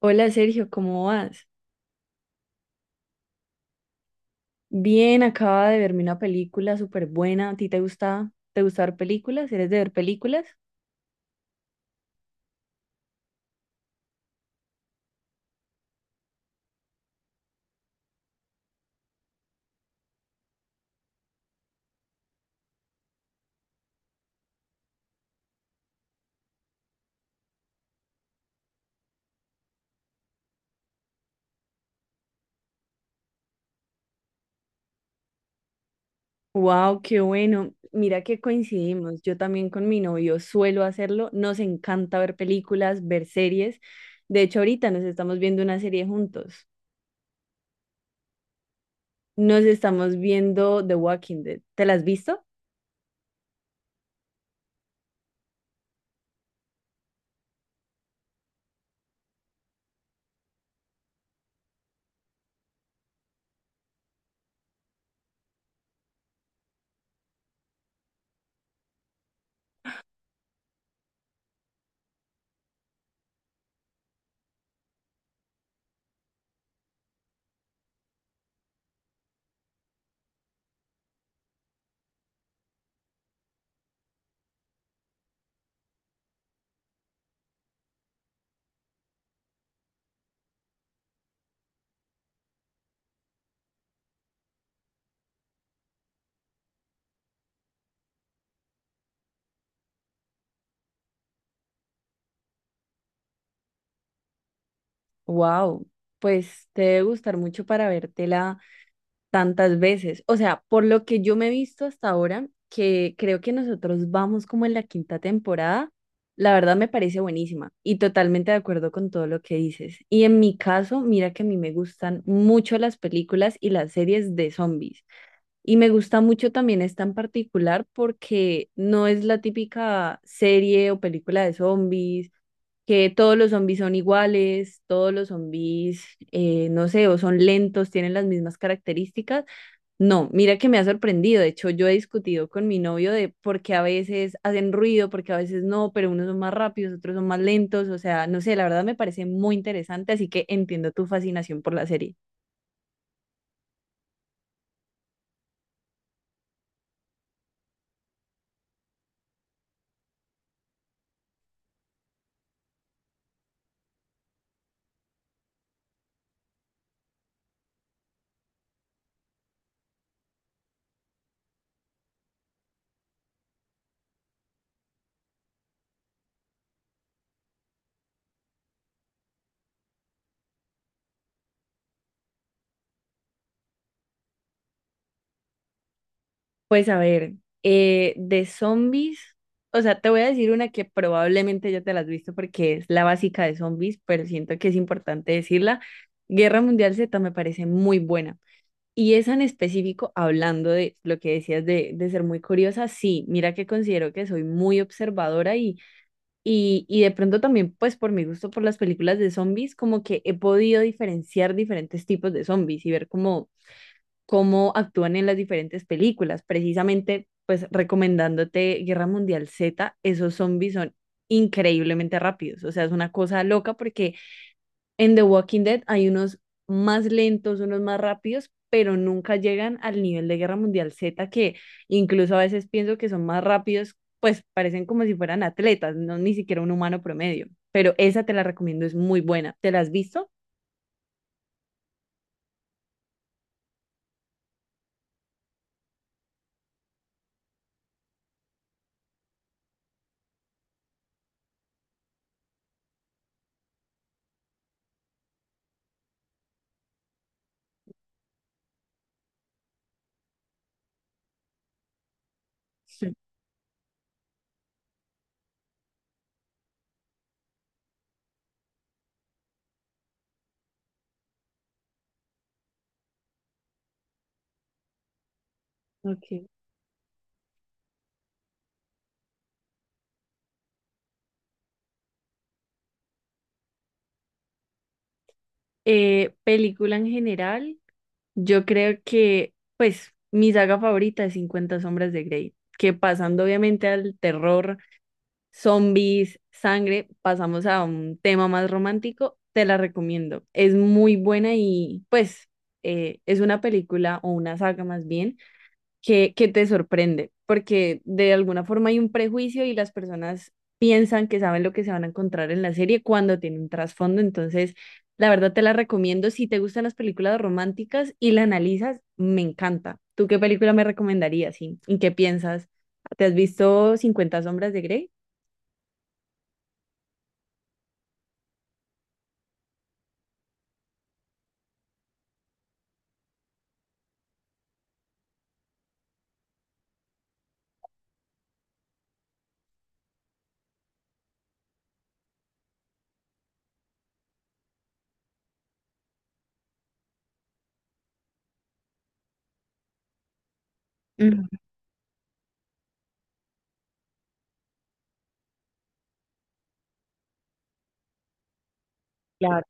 Hola Sergio, ¿cómo vas? Bien, acaba de verme una película súper buena. ¿A ti te gusta ver películas? ¿Eres de ver películas? Wow, qué bueno. Mira que coincidimos. Yo también con mi novio suelo hacerlo. Nos encanta ver películas, ver series. De hecho, ahorita nos estamos viendo una serie juntos. Nos estamos viendo The Walking Dead. ¿Te la has visto? Wow, pues te debe gustar mucho para vértela tantas veces. O sea, por lo que yo me he visto hasta ahora, que creo que nosotros vamos como en la quinta temporada, la verdad me parece buenísima y totalmente de acuerdo con todo lo que dices. Y en mi caso, mira que a mí me gustan mucho las películas y las series de zombies. Y me gusta mucho también esta en particular porque no es la típica serie o película de zombies que todos los zombies son iguales, todos los zombies, no sé, o son lentos, tienen las mismas características, no, mira que me ha sorprendido. De hecho, yo he discutido con mi novio de por qué a veces hacen ruido, por qué a veces no, pero unos son más rápidos, otros son más lentos. O sea, no sé, la verdad me parece muy interesante, así que entiendo tu fascinación por la serie. Pues a ver, de zombies, o sea, te voy a decir una que probablemente ya te la has visto porque es la básica de zombies, pero siento que es importante decirla. Guerra Mundial Z me parece muy buena. Y esa en específico, hablando de lo que decías de ser muy curiosa, sí, mira que considero que soy muy observadora y de pronto también, pues por mi gusto por las películas de zombies, como que he podido diferenciar diferentes tipos de zombies y ver cómo, cómo actúan en las diferentes películas. Precisamente, pues recomendándote Guerra Mundial Z, esos zombies son increíblemente rápidos, o sea, es una cosa loca porque en The Walking Dead hay unos más lentos, unos más rápidos, pero nunca llegan al nivel de Guerra Mundial Z, que incluso a veces pienso que son más rápidos, pues parecen como si fueran atletas, no ni siquiera un humano promedio. Pero esa te la recomiendo, es muy buena. ¿Te la has visto? Sí. Ok. Película en general, yo creo que, pues, mi saga favorita es 50 Sombras de Grey, que pasando obviamente al terror zombies, sangre, pasamos a un tema más romántico, te la recomiendo. Es muy buena y pues es una película o una saga más bien que te sorprende, porque de alguna forma hay un prejuicio y las personas piensan que saben lo que se van a encontrar en la serie cuando tiene un trasfondo, entonces la verdad te la recomiendo. Si te gustan las películas románticas y la analizas, me encanta. ¿Tú qué película me recomendarías? ¿Sí? ¿Y qué piensas? ¿Te has visto cincuenta sombras de Grey? Claro.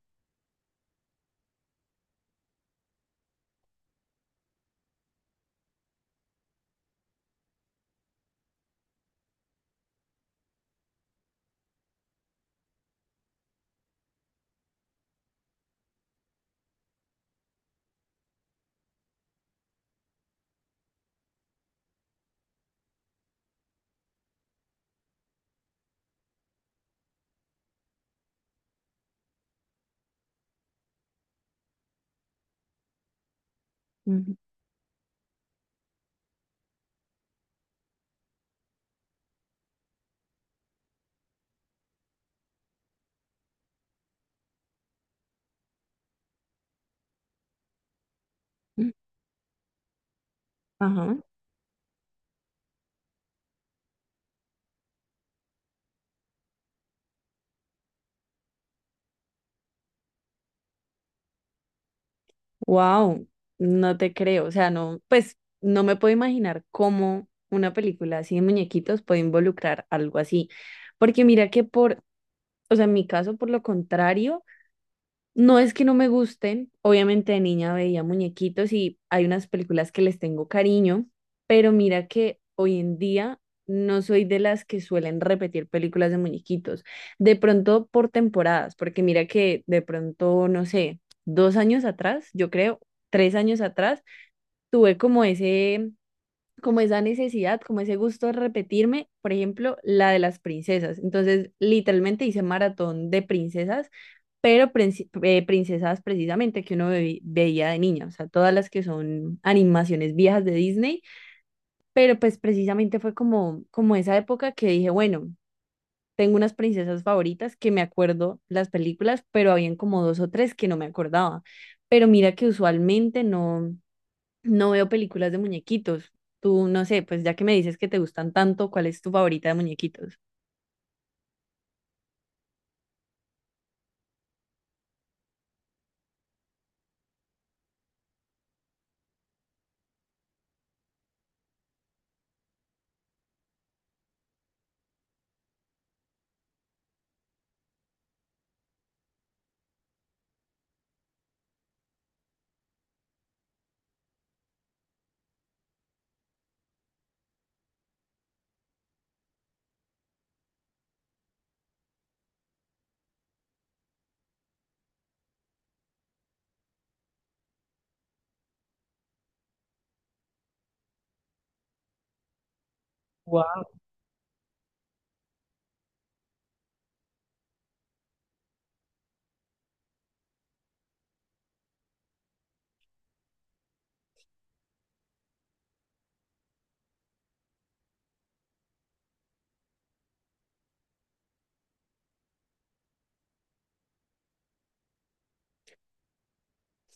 Ujú. Ajá. Wow, no te creo. O sea, no, pues no me puedo imaginar cómo una película así de muñequitos puede involucrar algo así. Porque mira que por, o sea, en mi caso, por lo contrario. No es que no me gusten, obviamente de niña veía muñequitos y hay unas películas que les tengo cariño, pero mira que hoy en día no soy de las que suelen repetir películas de muñequitos, de pronto por temporadas, porque mira que de pronto, no sé, dos años atrás, yo creo, tres años atrás, tuve como ese como esa necesidad, como ese gusto de repetirme, por ejemplo, la de las princesas. Entonces, literalmente hice maratón de princesas, pero princesas precisamente que veía de niña, o sea, todas las que son animaciones viejas de Disney, pero pues precisamente fue como, como esa época que dije, bueno. Tengo unas princesas favoritas que me acuerdo las películas, pero habían como dos o tres que no me acordaba. Pero mira que usualmente no veo películas de muñequitos. Tú, no sé, pues ya que me dices que te gustan tanto, ¿cuál es tu favorita de muñequitos?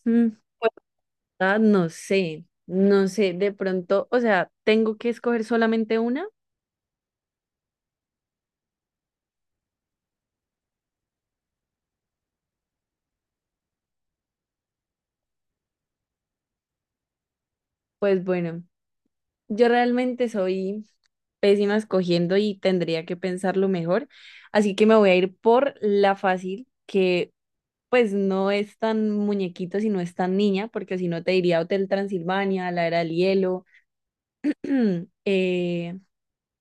Mm, pues ah, no sé, no sé, de pronto, o sea, ¿tengo que escoger solamente una? Pues bueno, yo realmente soy pésima escogiendo y tendría que pensarlo mejor, así que me voy a ir por la fácil, que pues no es tan muñequito, sino es tan niña, porque si no te diría Hotel Transilvania, La Era del Hielo, eh,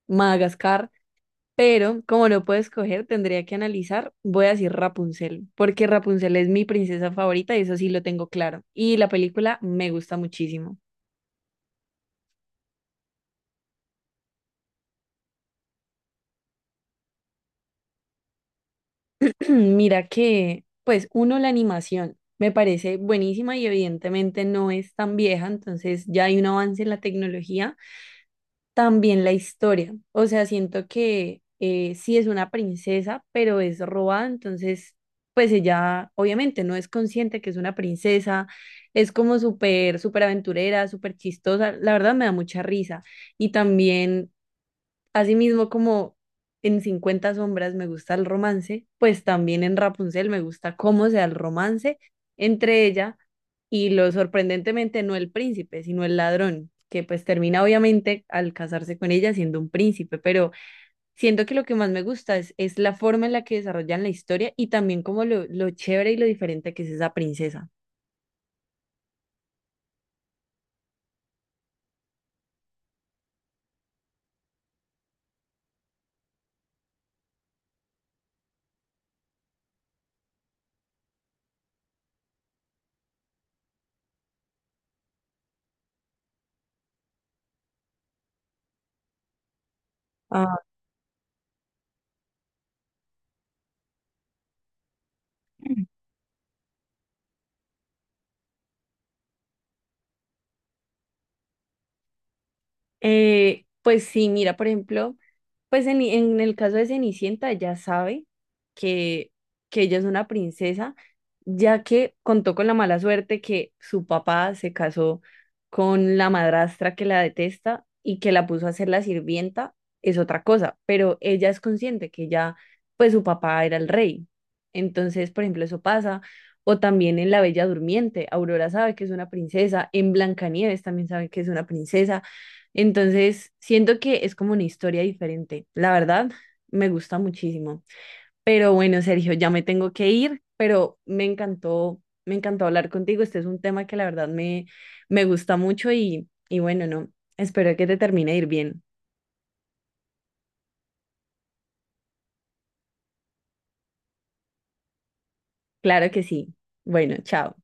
Madagascar. Pero como no puedo escoger, tendría que analizar. Voy a decir Rapunzel, porque Rapunzel es mi princesa favorita y eso sí lo tengo claro. Y la película me gusta muchísimo. Mira que, pues uno, la animación me parece buenísima y evidentemente no es tan vieja, entonces ya hay un avance en la tecnología. También la historia, o sea, siento que sí es una princesa, pero es robada, entonces, pues ella obviamente no es consciente que es una princesa, es como súper, súper aventurera, súper chistosa, la verdad me da mucha risa. Y también asimismo, como en 50 sombras me gusta el romance, pues también en Rapunzel me gusta cómo se da el romance entre ella y lo sorprendentemente no el príncipe, sino el ladrón, que pues termina obviamente al casarse con ella siendo un príncipe, pero siento que lo que más me gusta es la forma en la que desarrollan la historia y también como lo chévere y lo diferente que es esa princesa. Ah, pues sí, mira, por ejemplo. Pues en el caso de Cenicienta ya sabe que, que ella es una princesa, ya que contó con la mala suerte que su papá se casó con la madrastra que la detesta y que la puso a ser la sirvienta, es otra cosa, pero ella es consciente que ya, pues su papá era el rey. Entonces, por ejemplo, eso pasa. O también en La Bella Durmiente, Aurora sabe que es una princesa, en Blancanieves también sabe que es una princesa, entonces, siento que es como una historia diferente. La verdad, me gusta muchísimo. Pero bueno, Sergio, ya me tengo que ir, pero me encantó hablar contigo. Este es un tema que la verdad me, me gusta mucho y bueno, no, espero que te termine de ir bien. Claro que sí. Bueno, chao.